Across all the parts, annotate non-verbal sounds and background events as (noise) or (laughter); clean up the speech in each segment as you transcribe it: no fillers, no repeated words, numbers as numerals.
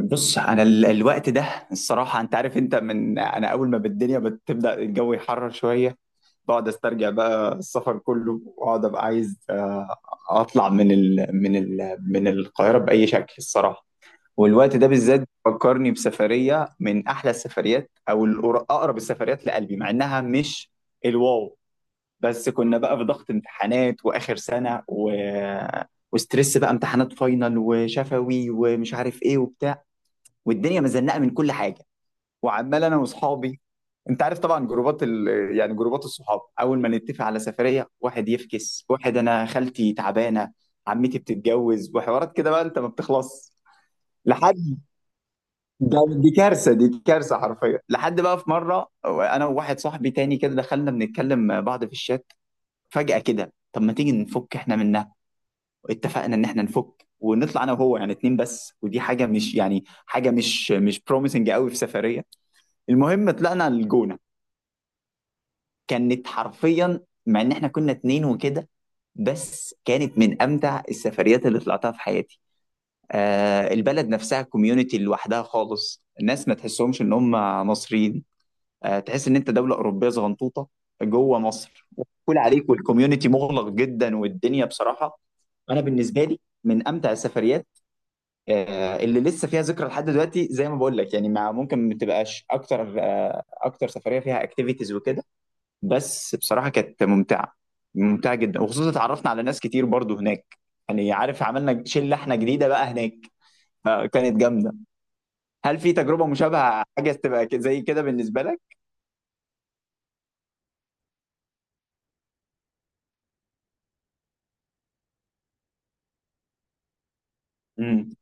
بص انا الوقت ده الصراحه، انت عارف، انت من انا اول ما بالدنيا بتبدا الجو يحرر شويه، بقعد استرجع بقى السفر كله واقعد ابقى عايز اطلع من ال من ال من القاهره باي شكل الصراحه. والوقت ده بالذات فكرني بسفريه من احلى السفريات او اقرب السفريات لقلبي، مع انها مش الواو، بس كنا بقى في ضغط امتحانات واخر سنه وستريس بقى، امتحانات فاينل وشفوي ومش عارف ايه وبتاع، والدنيا مزنقه من كل حاجه، وعمال انا واصحابي، انت عارف طبعا جروبات يعني جروبات الصحاب، اول ما نتفق على سفريه واحد يفكس، واحد انا خالتي تعبانه، عمتي بتتجوز، وحوارات كده بقى انت ما بتخلص لحد، ده دي كارثه، دي كارثه حرفيا. لحد بقى في مره انا وواحد صاحبي تاني كده دخلنا بنتكلم بعض في الشات، فجاه كده طب ما تيجي نفك احنا منها. اتفقنا ان احنا نفك ونطلع انا وهو، يعني اتنين بس، ودي حاجه مش يعني حاجه مش بروميسنج قوي في سفريه. المهم طلعنا الجونه، كانت حرفيا، مع ان احنا كنا اتنين وكده، بس كانت من امتع السفريات اللي طلعتها في حياتي. آه البلد نفسها كوميونتي لوحدها خالص، الناس ما تحسهمش ان هم مصريين، آه تحس ان انت دوله اوروبيه صغنطوطه جوه مصر، كل عليك، والكوميونتي مغلق جدا، والدنيا بصراحه، انا بالنسبه لي من امتع السفريات، آه اللي لسه فيها ذكرى لحد دلوقتي، زي ما بقول لك يعني، مع ممكن ما تبقاش اكتر، آه اكتر سفريه فيها اكتيفيتيز وكده، بس بصراحة كانت ممتعة، ممتعة جدا، وخصوصا اتعرفنا على ناس كتير برضو هناك، يعني عارف عملنا شلة احنا جديدة بقى هناك، فكانت جامدة. هل في تجربة مشابهة حاجة تبقى زي كده بالنسبة لك؟ امم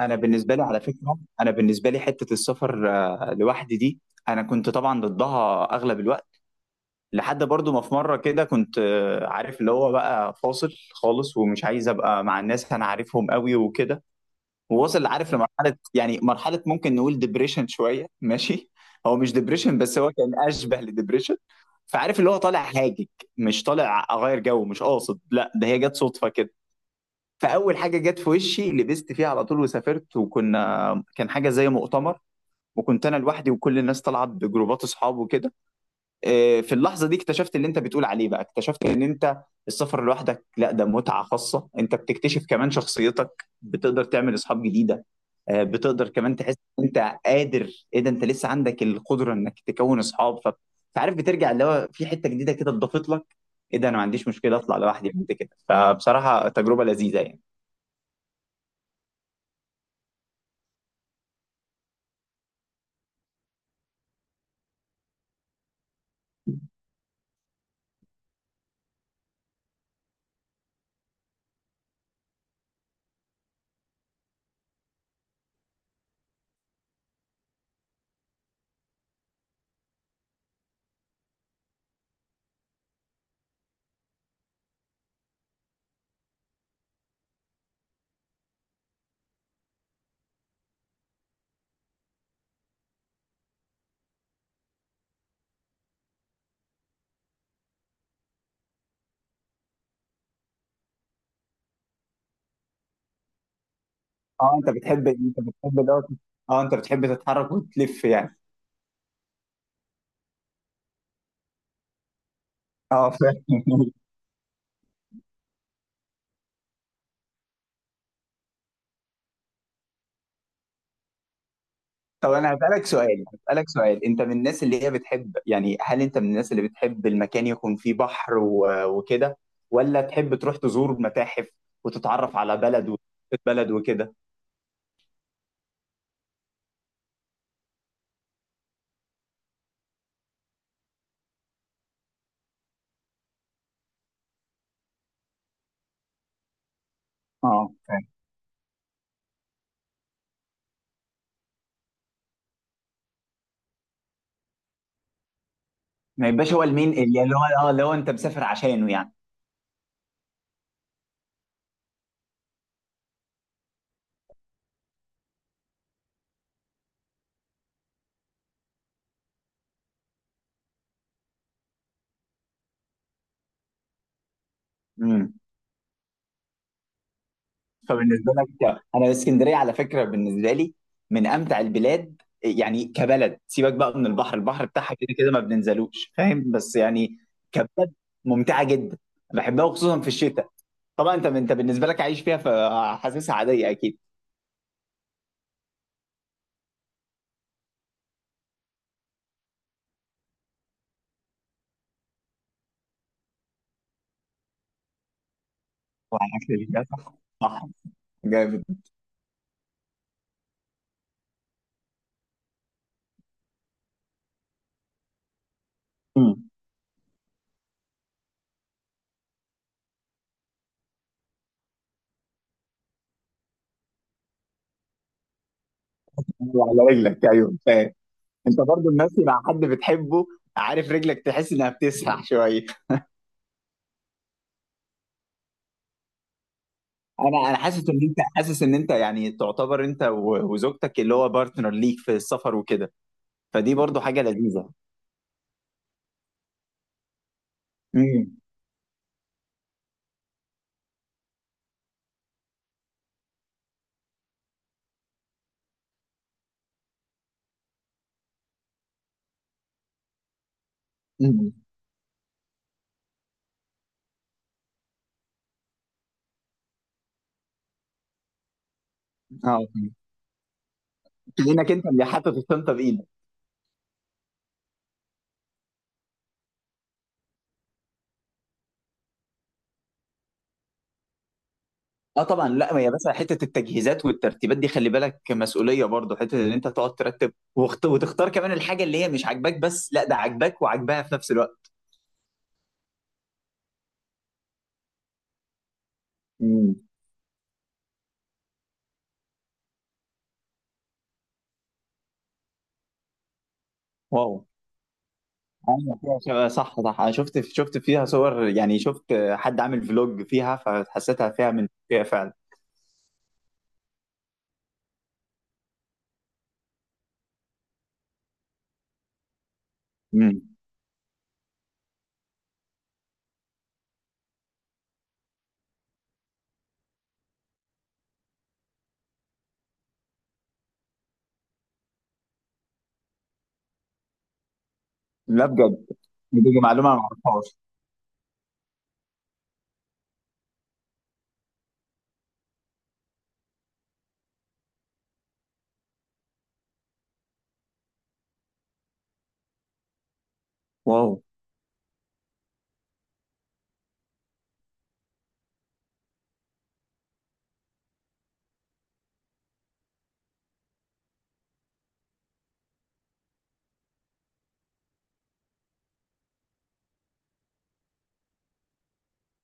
انا بالنسبة لي على فكرة، انا بالنسبة لي حتة السفر لوحدي دي، انا كنت طبعا ضدها اغلب الوقت، لحد برضو ما في مرة كده كنت عارف اللي هو بقى فاصل خالص، ومش عايز ابقى مع الناس انا عارفهم قوي وكده، ووصل عارف لمرحله، يعني مرحله ممكن نقول ديبريشن شويه ماشي، هو مش ديبريشن بس هو كان اشبه لديبريشن، فعارف اللي هو طالع هاجج، مش طالع اغير جو، مش قاصد، لا ده هي جت صدفه كده. فاول حاجه جت في وشي لبست فيها على طول وسافرت، وكنا كان حاجه زي مؤتمر، وكنت انا لوحدي وكل الناس طلعت بجروبات اصحاب وكده. في اللحظه دي اكتشفت اللي انت بتقول عليه، بقى اكتشفت ان انت السفر لوحدك، لا ده متعه خاصه، انت بتكتشف كمان شخصيتك، بتقدر تعمل اصحاب جديده، بتقدر كمان تحس ان انت قادر، ايه ده انت لسه عندك القدره انك تكون اصحاب فعارف بترجع اللي هو في حته جديده كده اتضافت لك، ايه ده انا ما عنديش مشكله اطلع لوحدي بعد كده، فبصراحه تجربه لذيذه يعني. اه انت بتحب دوت، اه انت بتحب تتحرك وتلف يعني. اه فاهم. طب انا هسألك سؤال، انت من الناس اللي هي بتحب، يعني هل انت من الناس اللي بتحب المكان يكون فيه بحر وكده، ولا تحب تروح تزور متاحف وتتعرف على بلد وثقافة بلد وكده؟ اه فاهم. ما يبقاش هو المين اللي هو، اه اللي هو انت مسافر عشانه يعني. امم فبالنسبه لك، انا اسكندريه على فكره بالنسبه لي من امتع البلاد، يعني كبلد سيبك بقى من البحر، البحر بتاعها كده كده ما بننزلوش فاهم، بس يعني كبلد ممتعه جدا، بحبها وخصوصا في الشتاء، طبعا انت انت بالنسبه لك عايش فيها فحاسسها عاديه اكيد. (laughs) وعلى اكل البيت، صح. صح. جامد. مم. وعلى رجلك ايوه فاهم. انت برضو المشي مع حد بتحبه، عارف رجلك تحس انها بتسرح شويه. انا حاسس ان انت حاسس ان انت يعني تعتبر انت وزوجتك اللي هو بارتنر ليك في السفر وكده، فدي برضو حاجه لذيذه. امم امم اه، كانك انت اللي حاطط الشنطه بايدك. اه طبعا، لا ما يا باشا، حته التجهيزات والترتيبات دي خلي بالك مسؤوليه برضه، حته ان انت تقعد ترتب وتختار كمان الحاجه اللي هي مش عاجباك، بس لا ده عاجباك وعاجباها في نفس الوقت. امم واو، ايوه فيها صح صح، انا شفت فيها صور، يعني شفت حد عامل فلوج فيها فحسيتها فيها من فيها فعلا. امم. لا بجد، دي معلومه ما اعرفهاش. واو.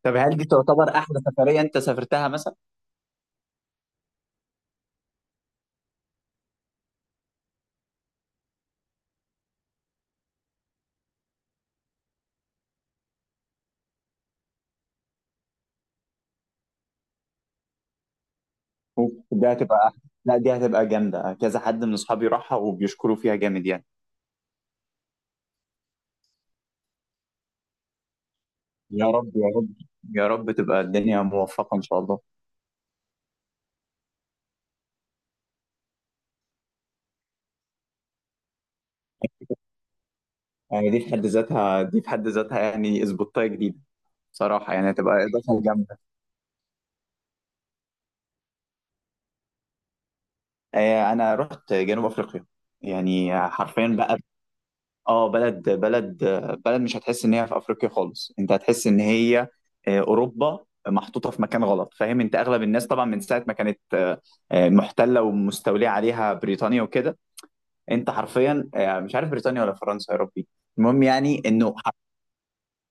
طب هل دي تعتبر احلى سفريه انت سافرتها مثلا؟ أوف، دي هتبقى احلى، لا دي هتبقى جامده، كذا حد من اصحابي راحها وبيشكروا فيها جامد يعني. يا رب يا رب، يا رب تبقى الدنيا موفقة إن شاء الله. يعني دي في حد ذاتها يعني اسبوتاية جديدة، بصراحة يعني هتبقى إضافة جامدة. أنا رحت جنوب أفريقيا، يعني حرفيا بقى، آه بلد بلد مش هتحس إن هي في أفريقيا خالص، أنت هتحس إن هي أوروبا محطوطة في مكان غلط فاهم، أنت أغلب الناس طبعا من ساعة ما كانت محتلة ومستولية عليها بريطانيا وكده، أنت حرفيا مش عارف بريطانيا ولا فرنسا يا ربي. المهم يعني انه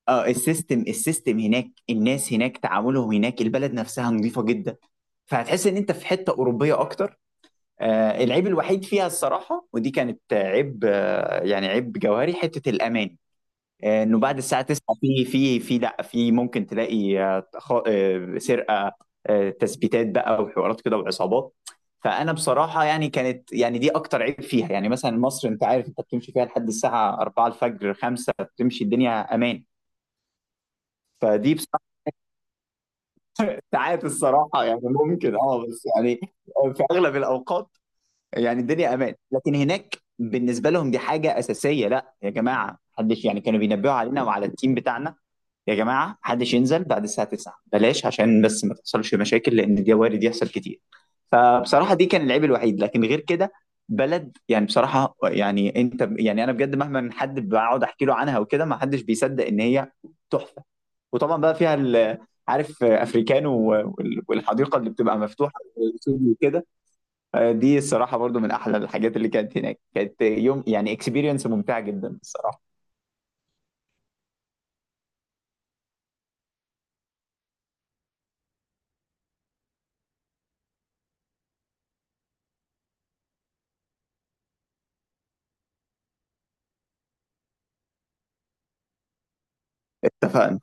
اه السيستم هناك، الناس هناك، تعاملهم هناك، البلد نفسها نظيفة جدا، فهتحس ان انت في حتة أوروبية اكتر. آه العيب الوحيد فيها الصراحة، ودي كانت عيب، آه يعني عيب جوهري، حتة الأمان، آه انه بعد الساعة 9 في في في لا في ممكن تلاقي سرقة، آه تثبيتات بقى وحوارات كده وعصابات. فانا بصراحه يعني كانت يعني دي اكتر عيب فيها، يعني مثلا مصر انت عارف انت بتمشي فيها لحد الساعه 4 الفجر 5 بتمشي الدنيا امان، فدي ساعات الصراحة يعني ممكن اه بس يعني، في أغلب الأوقات يعني الدنيا أمان، لكن هناك بالنسبة لهم دي حاجة أساسية، لا يا جماعة محدش، يعني كانوا بينبهوا علينا وعلى التيم بتاعنا، يا جماعة محدش ينزل بعد الساعة 9 بلاش، عشان بس ما تحصلش مشاكل لأن دي وارد يحصل كتير. فبصراحة دي كان العيب الوحيد، لكن غير كده بلد يعني بصراحة يعني أنت يعني أنا بجد، مهما حد بقعد أحكي له عنها وكده ما حدش بيصدق إن هي تحفة. وطبعا بقى فيها عارف افريكانو والحديقه اللي بتبقى مفتوحه والاستوديو وكده، دي الصراحه برضو من احلى الحاجات اللي كانت هناك، كانت يوم يعني اكسبيرينس ممتعه جدا الصراحه. اتفقنا.